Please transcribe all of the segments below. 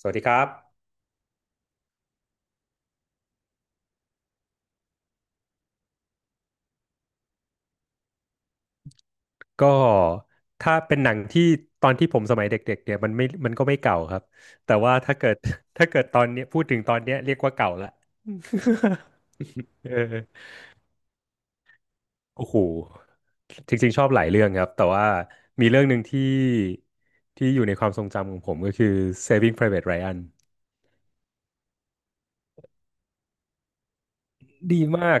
สวัสดีครับก็ถ้าเป็นหนังที่ตอนที่ผมสมัยเด็กๆเนี่ยมันก็ไม่เก่าครับแต่ว่าถ้าเกิด ถ้าเกิดตอนเนี้ยพูดถึงตอนเนี้ยเรียกว่าเก่าละ เออโอ้โหจริงๆชอบหลายเรื่องครับแต่ว่ามีเรื่องหนึ่งที่อยู่ในความทรงจำของผมก็คือ Saving Private Ryan ดีมาก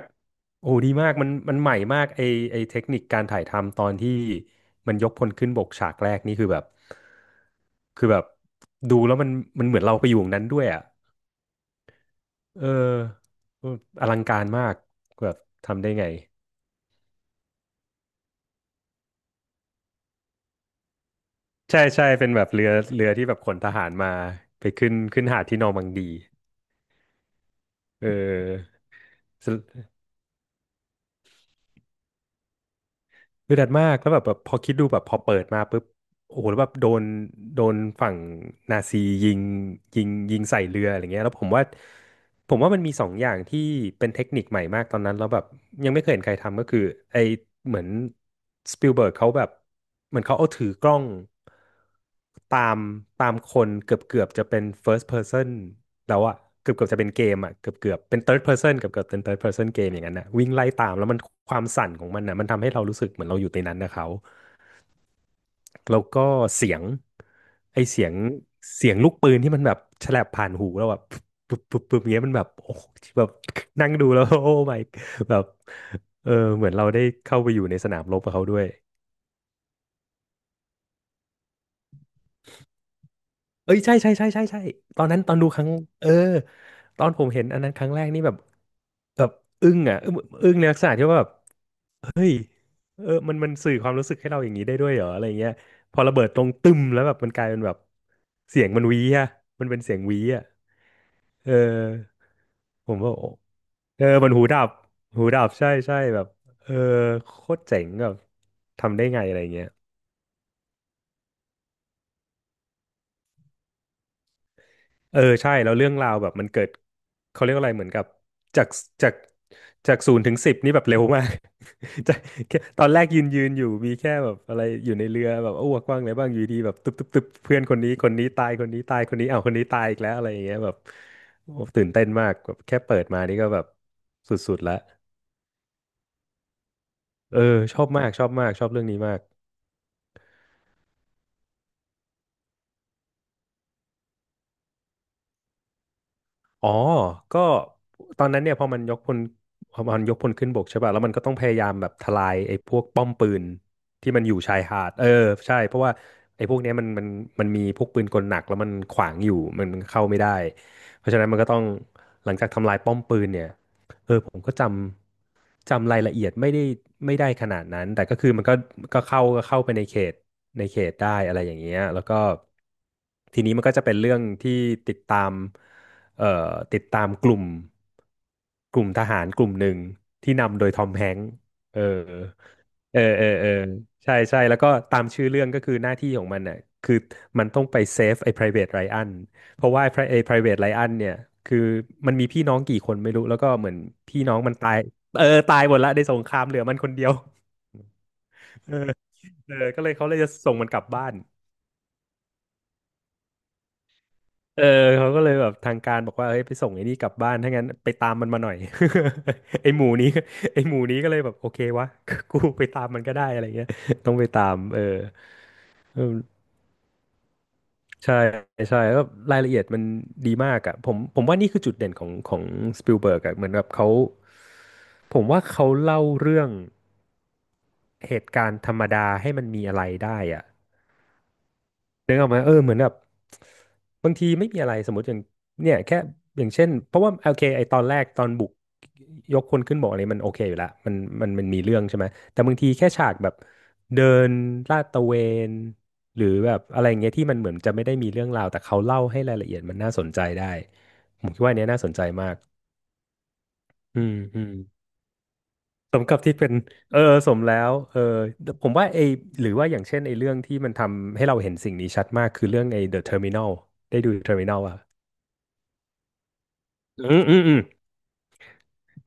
โอ้ดีมากมันใหม่มากไอเทคนิคการถ่ายทำตอนที่มันยกพลขึ้นบกฉากแรกนี่คือแบบดูแล้วมันเหมือนเราไปอยู่ตรงนั้นด้วยอ่ะเอออลังการมากแบบทำได้ไงใช่ใช่เป็นแบบเรือที่แบบขนทหารมาไปขึ้นหาดที่นอร์มังดีเออ เดือดมากแล้วแบบพอคิดดูแบบพอเปิดมาปุ๊บโอ้โหแล้วแบบโดนฝั่งนาซียิงยิงใส่เรืออะไรเงี้ยแล้วผมว่ามันมีสองอย่างที่เป็นเทคนิคใหม่มากตอนนั้นแล้วแบบยังไม่เคยเห็นใครทำก็คือไอเหมือนสปิลเบิร์กเขาแบบเหมือนเขาเอาถือกล้องตามตามคนเกือบจะเป็น first person แล้วอะเกือบจะเป็นเกมอะเกือบเป็น third person เกือบเป็น third person เกมอย่างนั้นนะวิ่งไล่ตามแล้วมันความสั่นของมันนะมันทำให้เรารู้สึกเหมือนเราอยู่ในนั้นนะเขา แล้วก็เสียงไอเสียงลูกปืนที่มันแบบแฉลบผ่านหูแล้วแบบปุ๊บปุ๊บปุ๊บเงี้ยมันแบบโอ้โหแบบนั่งดูแล้ว โอ้ my แบบเออเหมือนเราได้เข้าไปอยู่ในสนามรบกับเขาด้วยเอ้ยใช่ใช่ใช่ใช่ใช่ตอนนั้นตอนดูครั้งเออตอนผมเห็นอันนั้นครั้งแรกนี่แบบแบบอึ้งอ่ะอึ้งในลักษณะที่ว่าแบบเออมันสื่อความรู้สึกให้เราอย่างนี้ได้ด้วยเหรออะไรเงี้ยพอระเบิดตรงตึมแล้วแบบมันกลายเป็นแบบเสียงมันหวีอ่ะมันเป็นเสียงหวีอ่ะเออ ผมว่าโอ้เออมันหูดับหูดับใช่ใช่แบบเออโคตรเจ๋งแบบทำได้ไงอะไรเงี้ยเออใช่แล้วเรื่องราวแบบมันเกิดเขาเรียกอะไรเหมือนกับจากจากจากศูนย์ถึงสิบนี่แบบเร็วมาก จากแค่ตอนแรกยืนอยู่มีแค่แบบอะไรอยู่ในเรือแบบอ้วกว่างอะไรบ้างอยู่ดีแบบตึ๊บตึ๊บตึ๊บเพื่อนคนนี้ตายคนนี้ตายคนนี้อ้าวคนนี้ตายอีกแล้วอะไรอย่างเงี้ยแบบโอ้ตื่นเต้นมากแบบแค่เปิดมานี่ก็แบบสุดๆแล้วเออชอบมากชอบมากชอบเรื่องนี้มาก อ๋อก็ตอนนั้นเนี่ยพอมันยกพลขึ้นบกใช่ป่ะแล้วมันก็ต้องพยายามแบบทลายไอ้พวกป้อมปืนที่มันอยู่ชายหาดเออใช่เพราะว่าไอ้พวกเนี้ยมันมีพวกปืนกลหนักแล้วมันขวางอยู่มันเข้าไม่ได้เพราะฉะนั้นมันก็ต้องหลังจากทำลายป้อมปืนเนี่ยเออผมก็จำรายละเอียดไม่ได้ไม่ได้ขนาดนั้นแต่ก็คือมันก็เข้าไปในเขตได้อะไรอย่างเงี้ยแล้วก็ทีนี้มันก็จะเป็นเรื่องที่ติดตาม เอ่อติดตามกลุ่มกลุ่มทหารกลุ่มหนึ่งที่นำโดยทอมแฮงค์เออเออเออเออใช่ใช่แล้วก็ตามชื่อเรื่องก็คือหน้าที่ของมันน่ะคือมันต้องไปเซฟไอ้ private Ryan เพราะว่าไอ้ private Ryan เนี่ยคือมันมีพี่น้องกี่คนไม่รู้แล้วก็เหมือนพี่น้องมันตายเออตายหมดละในสงครามเหลือมันคนเดียวเออเออก็เลยเขาเลยจะส่งมันกลับบ้าน เออเขาก็เลยแบบทางการบอกว่าเฮ้ยไปส่งไอ้นี่กลับบ้านถ้างั้นไปตามมันมาหน่อย ไอ้หมูนี้ไอ้หมูนี้ก็เลยแบบโอเควะ กูไปตามมันก็ได้อะไรเงี้ยต้องไปตามเออเออใช่ใช่แล้วรายละเอียดมันดีมากอะผมว่านี่คือจุดเด่นของของสปิลเบิร์กอะเหมือนแบบเขาผมว่าเขาเล่าเรื่องเหตุการณ์ธรรมดาให้มันมีอะไรได้อะ นึกออกไหมเออเหมือนแบบบางทีไม่มีอะไรสมมติอย่างเนี่ยแค่อย่างเช่นเพราะว่าโอเคไอตอนแรกตอนบุกยกคนขึ้นบอกอะไรมันโอเคอยู่ละมันมีเรื่องใช่ไหมแต่บางทีแค่ฉากแบบเดินลาดตระเวนหรือแบบอะไรอย่างเงี้ยที่มันเหมือนจะไม่ได้มีเรื่องราวแต่เขาเล่าให้รายละเอียดมันน่าสนใจได้ผมคิดว่าอันเนี้ยน่าสนใจมากอืมอืม สมกับที่เป็นเออสมแล้วเออผมว่าไอหรือว่าอย่างเช่นไอเรื่องที่มันทำให้เราเห็นสิ่งนี้ชัดมากคือเรื่องไอ The Terminal ได้ดู Terminal อ่ะอืมอืมอืม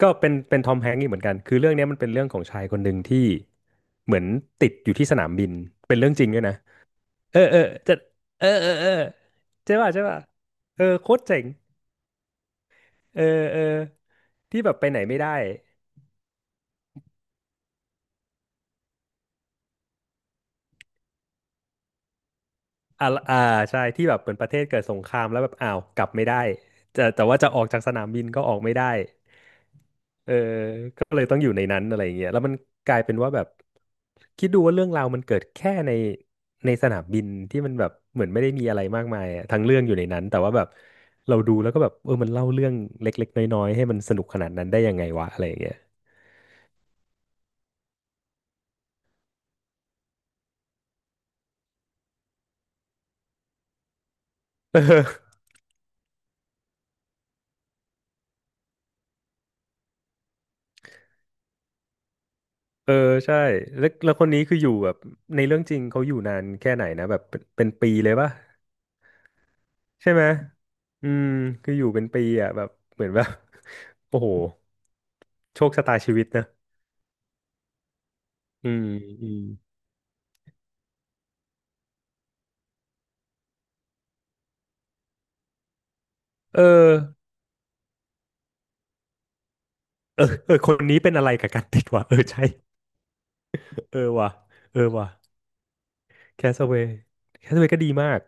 ก็เป็นทอมแฮงก์อีกเหมือนกันคือเรื่องเนี้ยมันเป็นเรื่องของชายคนหนึ่งที่เหมือนติดอยู่ที่สนามบินเป็นเรื่องจริงด้วยนะเออเออจะเออเออเออใช่ป่ะใช่ป่ะเออโคตรเจ๋งเออเออที่แบบไปไหนไม่ได้ อ่าอ่าใช่ที่แบบเหมือนประเทศเกิดสงครามแล้วแบบอ้าวกลับไม่ได้แต่ว่าจะออกจากสนามบินก็ออกไม่ได้เออก็เลยต้องอยู่ในนั้นอะไรอย่างเงี้ยแล้วมันกลายเป็นว่าแบบคิดดูว่าเรื่องราวมันเกิดแค่ในสนามบินที่มันแบบเหมือนไม่ได้มีอะไรมากมายอะทั้งเรื่องอยู่ในนั้นแต่ว่าแบบเราดูแล้วก็แบบเออมันเล่าเรื่องเล็กๆน้อยๆให้มันสนุกขนาดนั้นได้ยังไงวะอะไรอย่างเงี้ย เออเออใช่แล้วแล้วคนนี้คืออยู่แบบในเรื่องจริงเขาอยู่นานแค่ไหนนะแบบเป็นปีเลยป่ะ ใช่ไหมอืมคืออยู่เป็นปีอ่ะแบบเหมือนแบบ โอ้โหโชคชะตาชีวิตนะอืมอืมเออเออเออคนนี้เป็นอะไรกับการติดวะเออใช่เออว่ะเออว่ะแคสเวย์แคสเวย์ก็ดีมาก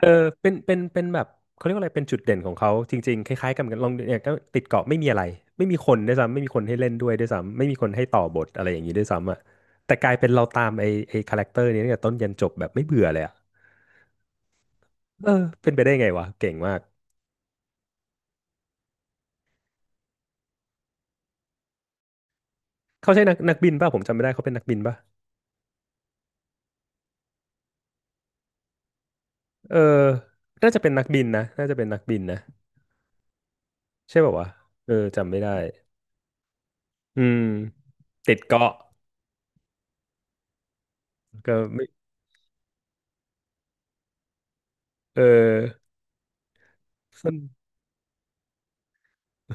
เออเป็นแบบเขาเรียกว่าอะไรเป็นจุดเด่นของเขาจริงๆคล้ายๆกันเหมือนกันลองเนี่ยก็ติดเกาะไม่มีอะไรไม่มีคนด้วยซ้ำไม่มีคนให้เล่นด้วยด้วยซ้ำไม่มีคนให้ต่อบทอะไรอย่างนี้ด้วยซ้ำอ่ะแต่กลายเป็นเราตามไอ้คาแรคเตอร์นี้ตั้งแต่ต้นยันจบแบบไม่เบื่อเลยอ่ะ เออเป็นไปได้ไงวะเก่งมากเขาใช่นักบินป่ะผมจำไม่ได้เขาเป็นนักบินป่ะเออน่าจะเป็นนักบินนะน่าจะเป็นนักบินนะใช่ป่าววะเออจำไม่ได้อืมติดเกาะก็ไม่เออส้น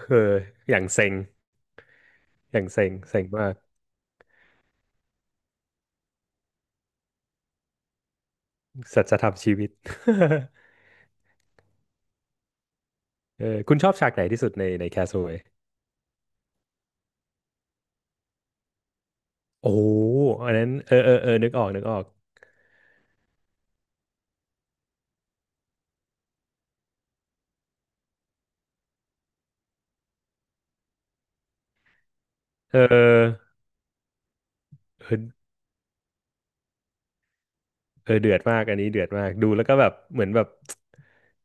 เอออย่างเซ็งอย่างเซ็งเซ็งมากสัจธรรมชีวิต เออคุณชอบฉากไหนที่สุดในในแคสโ a เว y โอ้โหอันนั้นเออเออเออนึกออกนึกออกเออเออ เออเดือดมากอันนี้เดือดมากดูแล้วก็แบบเหมือนแบบ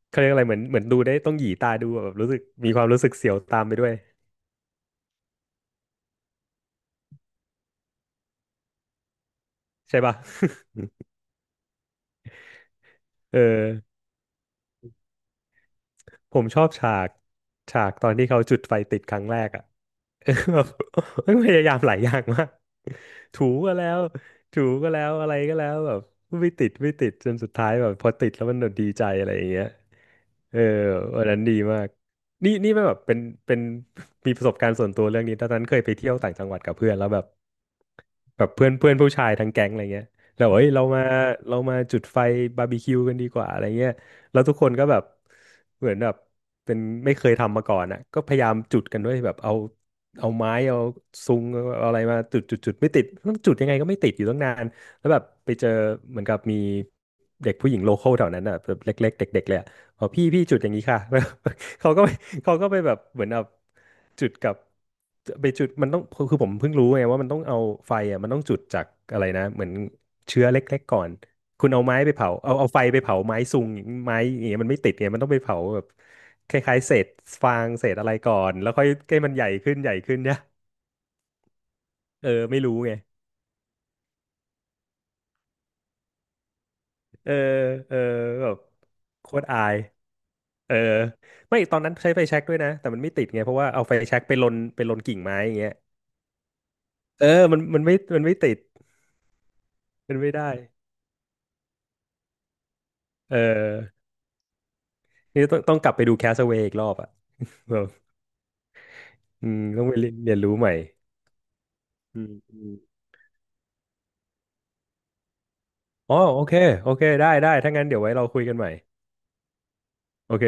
เขาเรียกอะไรเหมือนเหมือนดูได้ต้องหยีตาดูอะแบบรู้สึกมีความรู้สึกเสียวตามไปด้วยใช่ปะ เออผมชอบฉากตอนที่เขาจุดไฟติดครั้งแรกอ่ะ เออแบบพยายามหลายอย่างมากถูก็แล้วถูก็แล้วอะไรก็แล้วแบบไม่ติดไม่ติดจนสุดท้ายแบบพอติดแล้วมันดีใจอะไรอย่างเงี้ย เออวันนั้นดีมากนี่ไม่แบบเป็นมีประสบการณ์ส่วนตัวเรื่องนี้ตอนนั้นเคยไปเที่ยวต่างจังหวัดกับเพื่อนแล้วแบบแบบเพื่อนเพื่อนผู้ชายทั้งแก๊งอะไรเงี้ยแล้วบอเ้ยเรามาจุดไฟบาร์บีคิวกันดีกว่าอะไรเงี้ยแล้วทุกคนก็แบบเหมือนแบบเป็นไม่เคยทำมาก่อนอ่ะก็พยายามจุดกันด้วยแบบเอาเอาไม้เอาซุงเอาอะไรมาจุดไม่ติดต้องจุดยังไงก็ไม่ติดอยู่ตั้งนานแล้วแบบไปเจอเหมือนกับมีเด็กผู้หญิงโลคอลแถวนั้นอ่ะแบบเล็กๆเด็กๆเลยอะ อ๋อพี่พี่จุดอย่างนี้ค่ะ เขาก็ไปเขาก็ไปแบบเหมือนแบบจุดกับไปจุดมันต้องคือผมเพิ่งรู้ไงว่ามันต้องเอาไฟอ่ะมันต้องจุดจากอะไรนะเหมือนเชื้อเล็กๆก่อนคุณเอาไม้ไปเผาเอาไฟไปเผาไม้ซุงงไม้อย่างเงี้ยมันไม่ติดไงมันต้องไปเผาแบบคล้ายๆเศษฟางเศษอะไรก่อนแล้วค่อยให้มันใหญ่ขึ้นใหญ่ขึ้นเนี่ยเออไม่รู้ไง เออเออแบบโคตรอายเออไม่ตอนนั้นใช้ไฟแช็กด้วยนะแต่มันไม่ติดไงเพราะว่าเอาไฟแช็กไปลนกิ่งไม้อย่างเงี้ยเออมันไม่ติดมันไม่ได้เออนี่ต้องกลับไปดูแคสเวย์อีกรอบอ่ะแบบอืมต้องไปเรียนรู้ใหม่อืมอมอ๋อโอเคโอเคได้ถ้างั้นเดี๋ยวไว้เราคุยกันใหม่โอเค